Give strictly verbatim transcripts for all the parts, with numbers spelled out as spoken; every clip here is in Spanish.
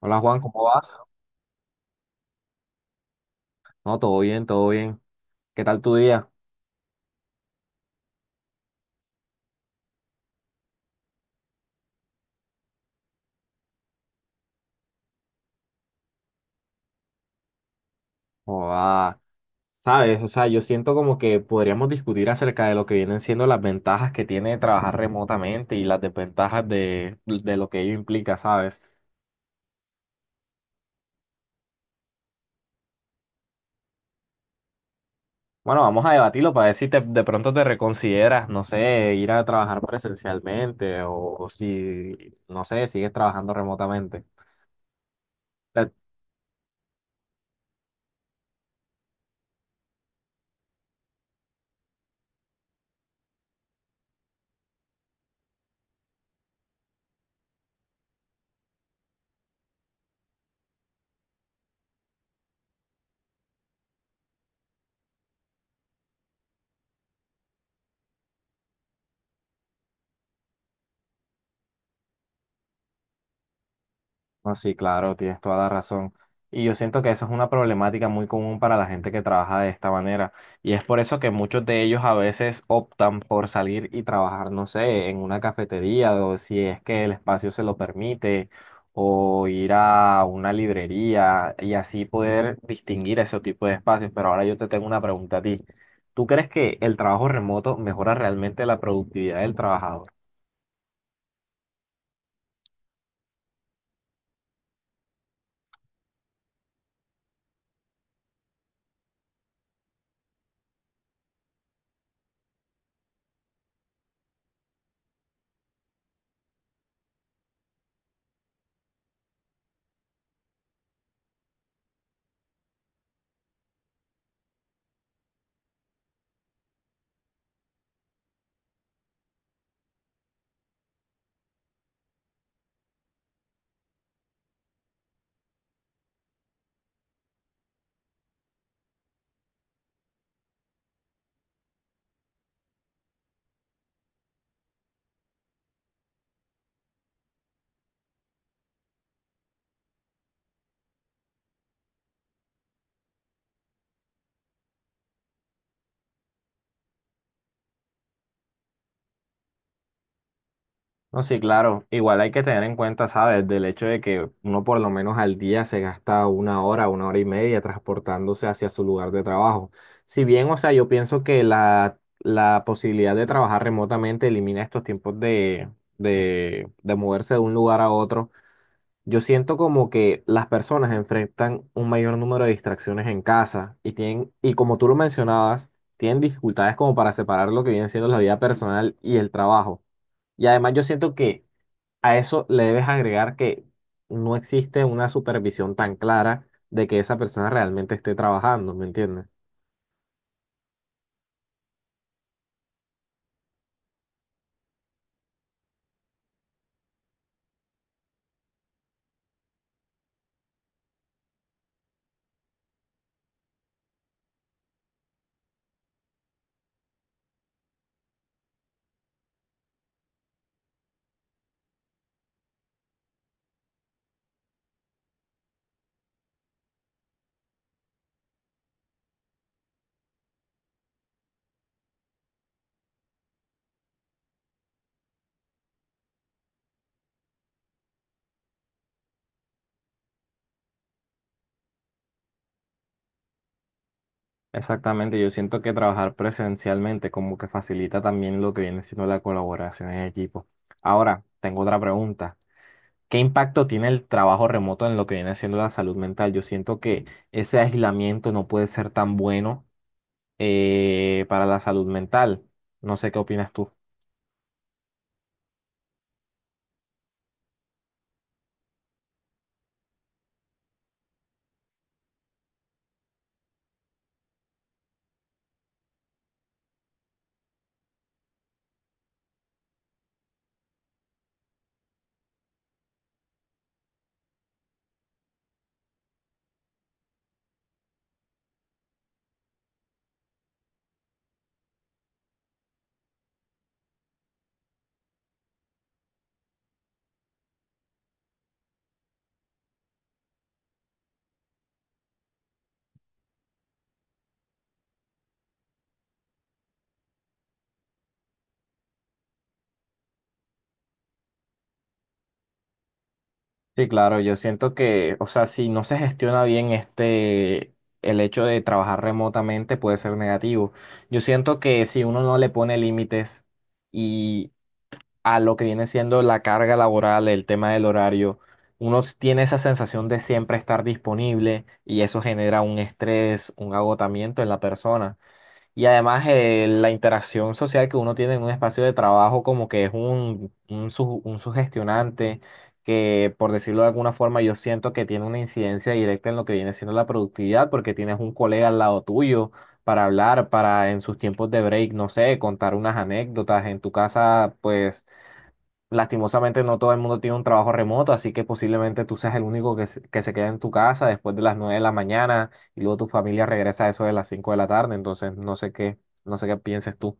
Hola Juan, ¿cómo vas? No, todo bien, todo bien. ¿Qué tal tu día? Oh, ah, sabes, o sea, yo siento como que podríamos discutir acerca de lo que vienen siendo las ventajas que tiene trabajar remotamente y las desventajas de, de lo que ello implica, ¿sabes? Bueno, vamos a debatirlo para ver si te- de pronto te reconsideras, no sé, ir a trabajar presencialmente o, o si, no sé, sigues trabajando remotamente. No, sí, claro, tienes toda la razón. Y yo siento que eso es una problemática muy común para la gente que trabaja de esta manera. Y es por eso que muchos de ellos a veces optan por salir y trabajar, no sé, en una cafetería o si es que el espacio se lo permite, o ir a una librería y así poder distinguir ese tipo de espacios. Pero ahora yo te tengo una pregunta a ti. ¿Tú crees que el trabajo remoto mejora realmente la productividad del trabajador? No, sí, claro. Igual hay que tener en cuenta, ¿sabes? Del hecho de que uno por lo menos al día se gasta una hora, una hora y media transportándose hacia su lugar de trabajo. Si bien, o sea, yo pienso que la, la posibilidad de trabajar remotamente elimina estos tiempos de, de, de moverse de un lugar a otro, yo siento como que las personas enfrentan un mayor número de distracciones en casa y tienen, y como tú lo mencionabas, tienen dificultades como para separar lo que viene siendo la vida personal y el trabajo. Y además yo siento que a eso le debes agregar que no existe una supervisión tan clara de que esa persona realmente esté trabajando, ¿me entiendes? Exactamente, yo siento que trabajar presencialmente como que facilita también lo que viene siendo la colaboración en equipo. Ahora, tengo otra pregunta. ¿Qué impacto tiene el trabajo remoto en lo que viene siendo la salud mental? Yo siento que ese aislamiento no puede ser tan bueno eh, para la salud mental. No sé qué opinas tú. Sí, claro, yo siento que, o sea, si no se gestiona bien este, el hecho de trabajar remotamente puede ser negativo. Yo siento que si uno no le pone límites y a lo que viene siendo la carga laboral, el tema del horario, uno s- tiene esa sensación de siempre estar disponible y eso genera un estrés, un agotamiento en la persona. Y además eh, la interacción social que uno tiene en un espacio de trabajo como que es un, un, su- un sugestionante que, por decirlo de alguna forma, yo siento que tiene una incidencia directa en lo que viene siendo la productividad porque tienes un colega al lado tuyo para hablar, para en sus tiempos de break, no sé, contar unas anécdotas. En tu casa, pues, lastimosamente no todo el mundo tiene un trabajo remoto, así que posiblemente tú seas el único que se, que se queda en tu casa después de las nueve de la mañana y luego tu familia regresa a eso de las cinco de la tarde, entonces no sé qué, no sé qué pienses tú.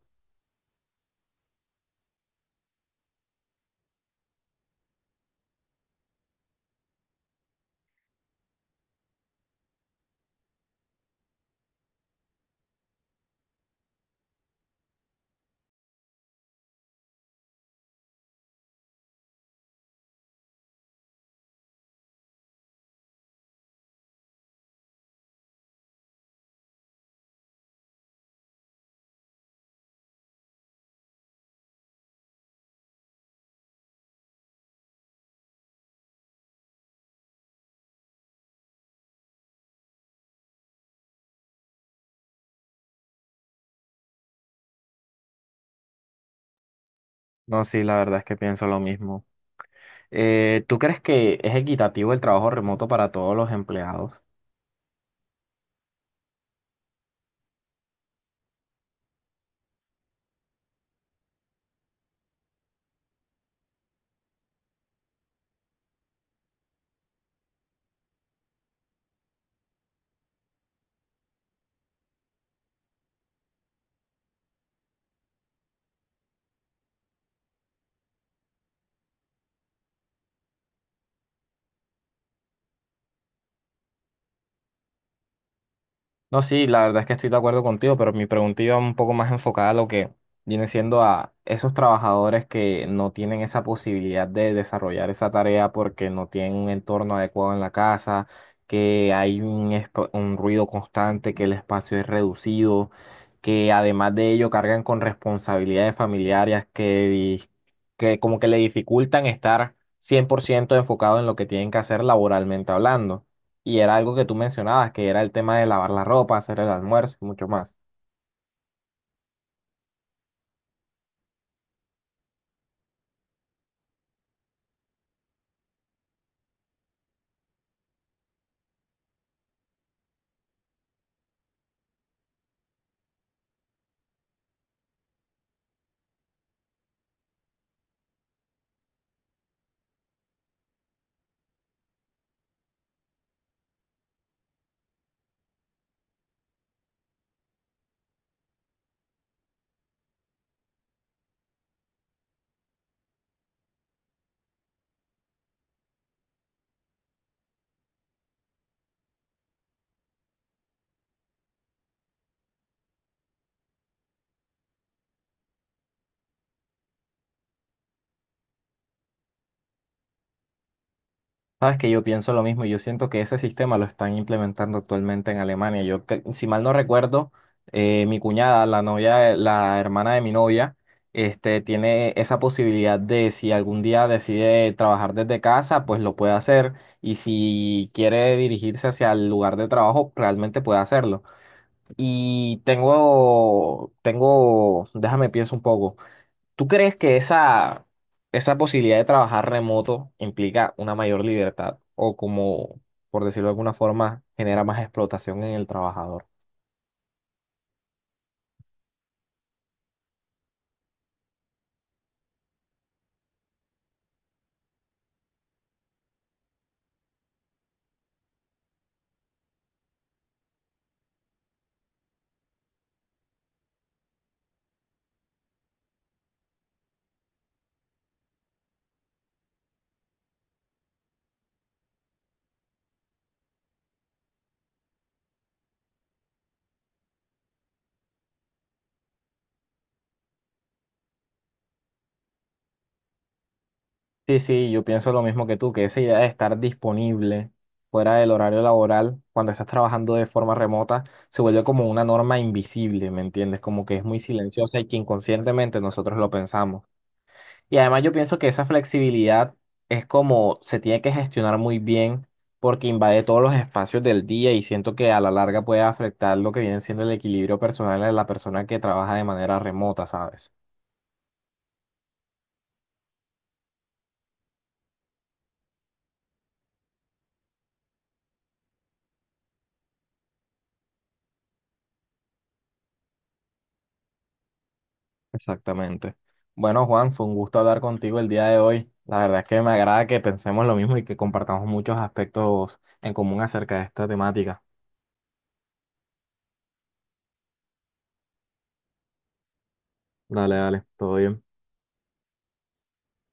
No, sí, la verdad es que pienso lo mismo. Eh, ¿tú crees que es equitativo el trabajo remoto para todos los empleados? No, sí, la verdad es que estoy de acuerdo contigo, pero mi pregunta iba un poco más enfocada a lo que viene siendo a esos trabajadores que no tienen esa posibilidad de desarrollar esa tarea porque no tienen un entorno adecuado en la casa, que hay un, esp- un ruido constante, que el espacio es reducido, que además de ello cargan con responsabilidades familiares que, di- que como que le dificultan estar cien por ciento enfocado en lo que tienen que hacer laboralmente hablando. Y era algo que tú mencionabas, que era el tema de lavar la ropa, hacer el almuerzo y mucho más. Sabes que yo pienso lo mismo y yo siento que ese sistema lo están implementando actualmente en Alemania. Yo, cre- si mal no recuerdo, eh, mi cuñada, la novia, la hermana de mi novia, este, tiene esa posibilidad de si algún día decide trabajar desde casa, pues lo puede hacer. Y si quiere dirigirse hacia el lugar de trabajo, realmente puede hacerlo. Y tengo, tengo, déjame pienso un poco. ¿Tú crees que esa, esa posibilidad de trabajar remoto implica una mayor libertad o como, por decirlo de alguna forma, genera más explotación en el trabajador? Sí, sí, yo pienso lo mismo que tú, que esa idea de estar disponible fuera del horario laboral cuando estás trabajando de forma remota se vuelve como una norma invisible, ¿me entiendes? Como que es muy silenciosa y que inconscientemente nosotros lo pensamos. Y además yo pienso que esa flexibilidad es como se tiene que gestionar muy bien porque invade todos los espacios del día y siento que a la larga puede afectar lo que viene siendo el equilibrio personal de la persona que trabaja de manera remota, ¿sabes? Exactamente. Bueno, Juan, fue un gusto hablar contigo el día de hoy. La verdad es que me agrada que pensemos lo mismo y que compartamos muchos aspectos en común acerca de esta temática. Dale, dale, todo bien.